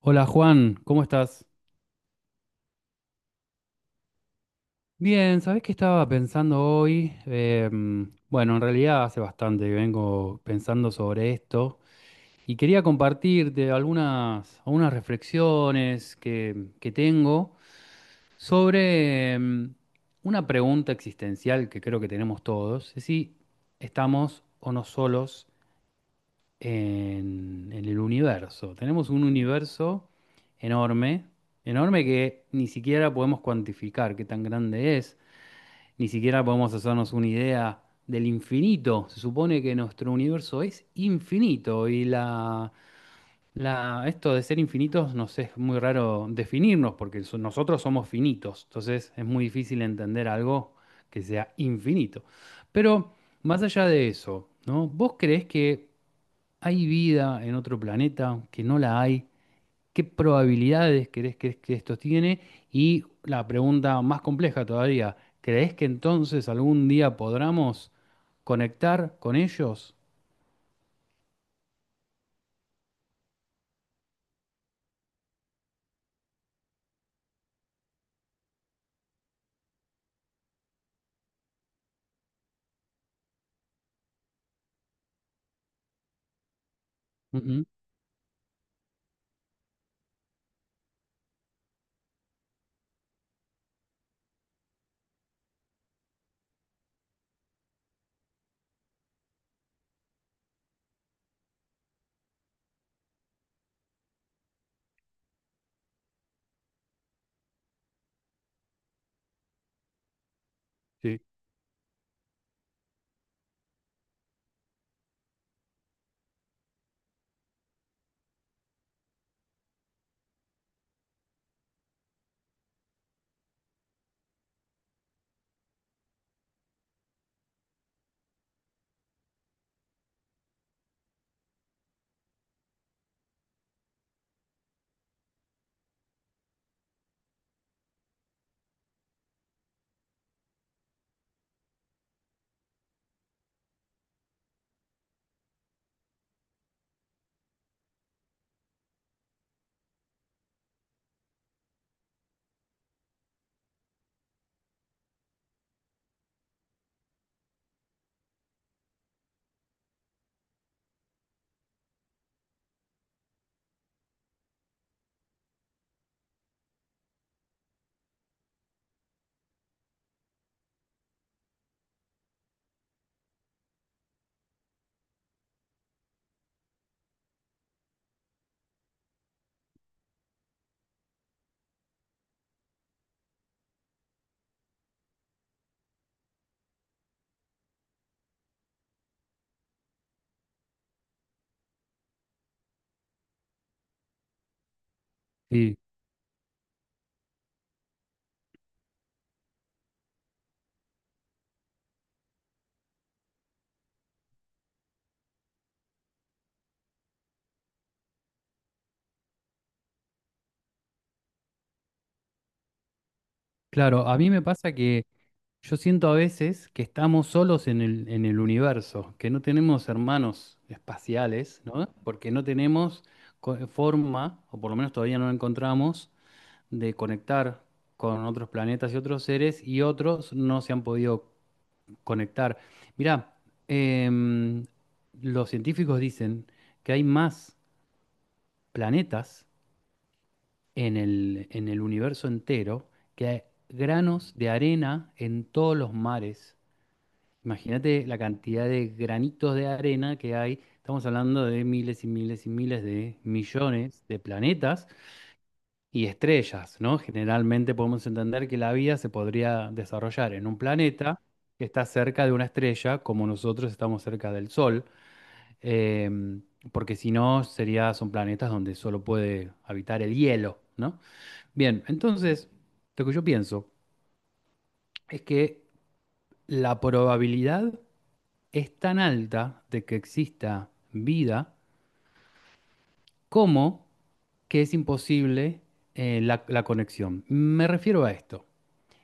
Hola Juan, ¿cómo estás? Bien, ¿sabés qué estaba pensando hoy? Bueno, en realidad hace bastante que vengo pensando sobre esto y quería compartirte algunas reflexiones que tengo sobre una pregunta existencial que creo que tenemos todos, es si estamos o no solos en el universo. Tenemos un universo enorme, enorme que ni siquiera podemos cuantificar qué tan grande es, ni siquiera podemos hacernos una idea del infinito. Se supone que nuestro universo es infinito y esto de ser infinitos nos es muy raro definirnos porque nosotros somos finitos, entonces es muy difícil entender algo que sea infinito. Pero más allá de eso, ¿no? ¿Vos creés que ¿hay vida en otro planeta? ¿Que no la hay? ¿Qué probabilidades crees que esto tiene? Y la pregunta más compleja todavía, ¿crees que entonces algún día podamos conectar con ellos? Ujú. Sí, sí, claro, a mí me pasa que yo siento a veces que estamos solos en en el universo, que no tenemos hermanos espaciales, ¿no? Porque no tenemos forma, o por lo menos todavía no la encontramos, de conectar con otros planetas y otros seres y otros no se han podido conectar. Mirá, em, los científicos dicen que hay más planetas en en el universo entero que hay granos de arena en todos los mares. Imagínate la cantidad de granitos de arena que hay. Estamos hablando de miles y miles y miles de millones de planetas y estrellas, ¿no? Generalmente podemos entender que la vida se podría desarrollar en un planeta que está cerca de una estrella, como nosotros estamos cerca del Sol, em, porque si no, sería, son planetas donde solo puede habitar el hielo, ¿no? Bien, entonces, lo que yo pienso es que la probabilidad es tan alta de que exista vida como que es imposible la conexión. Me refiero a esto.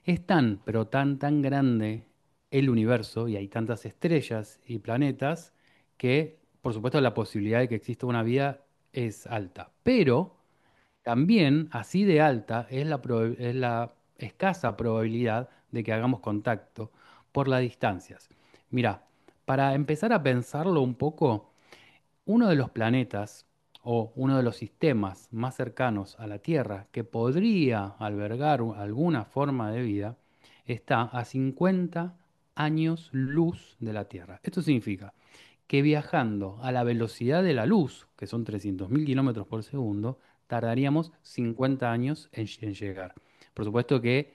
Es tan, pero tan, tan grande el universo y hay tantas estrellas y planetas que, por supuesto, la posibilidad de que exista una vida es alta. Pero también, así de alta, es la, es la escasa probabilidad de que hagamos contacto por las distancias. Mira, para empezar a pensarlo un poco, uno de los planetas o uno de los sistemas más cercanos a la Tierra que podría albergar alguna forma de vida está a 50 años luz de la Tierra. Esto significa que viajando a la velocidad de la luz, que son 300.000 kilómetros por segundo, tardaríamos 50 años en llegar. Por supuesto que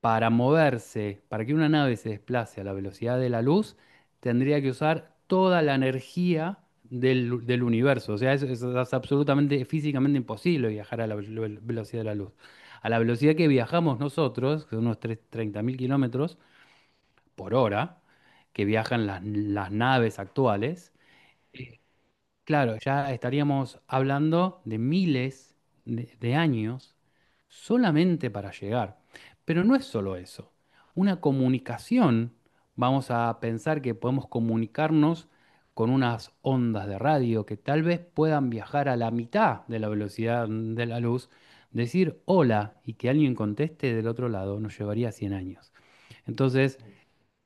para moverse, para que una nave se desplace a la velocidad de la luz, tendría que usar toda la energía del, del universo. O sea, eso es absolutamente físicamente imposible viajar a la velocidad de la luz. A la velocidad que viajamos nosotros, que son unos 30.000 kilómetros por hora, que viajan las naves actuales, claro, ya estaríamos hablando de miles de años solamente para llegar. Pero no es solo eso. Una comunicación, vamos a pensar que podemos comunicarnos con unas ondas de radio que tal vez puedan viajar a la mitad de la velocidad de la luz, decir hola y que alguien conteste del otro lado nos llevaría 100 años. Entonces,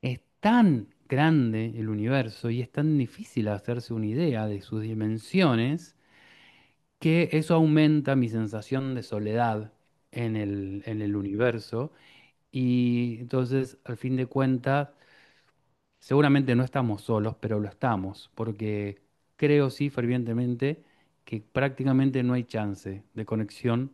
es tan grande el universo y es tan difícil hacerse una idea de sus dimensiones que eso aumenta mi sensación de soledad en en el universo. Y entonces, al fin de cuentas, seguramente no estamos solos, pero lo estamos, porque creo sí fervientemente que prácticamente no hay chance de conexión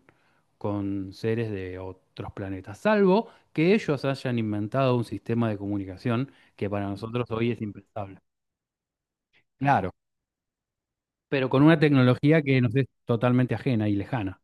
con seres de otros planetas, salvo que ellos hayan inventado un sistema de comunicación que para nosotros hoy es impensable. Claro, pero con una tecnología que nos es totalmente ajena y lejana.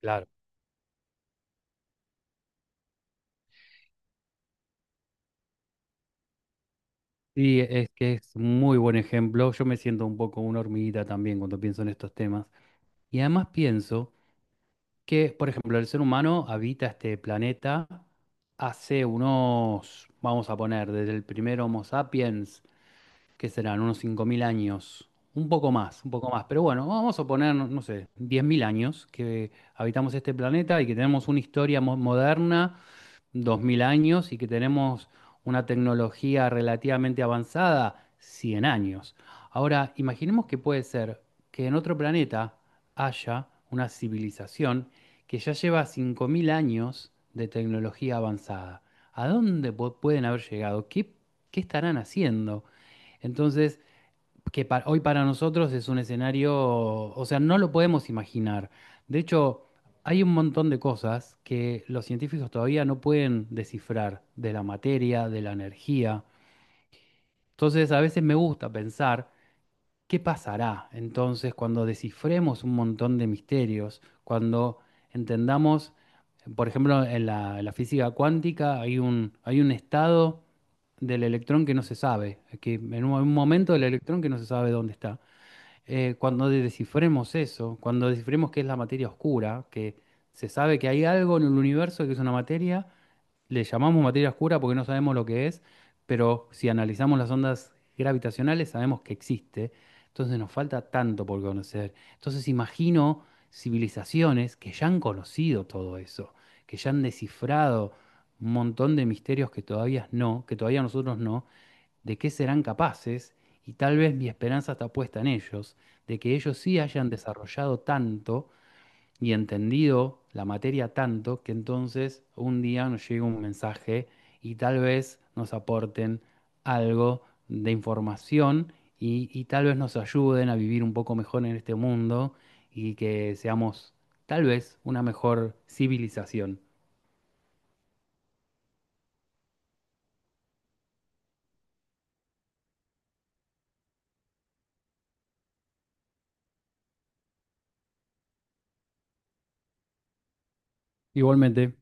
Claro. Y es que es muy buen ejemplo. Yo me siento un poco una hormiguita también cuando pienso en estos temas. Y además pienso que, por ejemplo, el ser humano habita este planeta hace unos, vamos a poner, desde el primer Homo sapiens, que serán unos 5.000 años, un poco más, pero bueno, vamos a poner, no sé, 10.000 años que habitamos este planeta y que tenemos una historia moderna 2.000 años y que tenemos una tecnología relativamente avanzada, 100 años. Ahora, imaginemos que puede ser que en otro planeta haya una civilización que ya lleva 5.000 años de tecnología avanzada. ¿A dónde pueden haber llegado? ¿Qué, qué estarán haciendo? Entonces, que hoy para nosotros es un escenario, o sea, no lo podemos imaginar. De hecho, hay un montón de cosas que los científicos todavía no pueden descifrar de la materia, de la energía. Entonces, a veces me gusta pensar qué pasará entonces cuando descifremos un montón de misterios, cuando entendamos, por ejemplo, en en la física cuántica hay un estado del electrón que no se sabe, que en un momento del electrón que no se sabe dónde está. Cuando descifremos eso, cuando descifremos qué es la materia oscura, que se sabe que hay algo en el universo que es una materia, le llamamos materia oscura porque no sabemos lo que es, pero si analizamos las ondas gravitacionales sabemos que existe, entonces nos falta tanto por conocer. Entonces imagino civilizaciones que ya han conocido todo eso, que ya han descifrado un montón de misterios que todavía no, que todavía nosotros no, de qué serán capaces y tal vez mi esperanza está puesta en ellos, de que ellos sí hayan desarrollado tanto y entendido la materia tanto que entonces un día nos llegue un mensaje y tal vez nos aporten algo de información y tal vez nos ayuden a vivir un poco mejor en este mundo y que seamos tal vez una mejor civilización. Igualmente.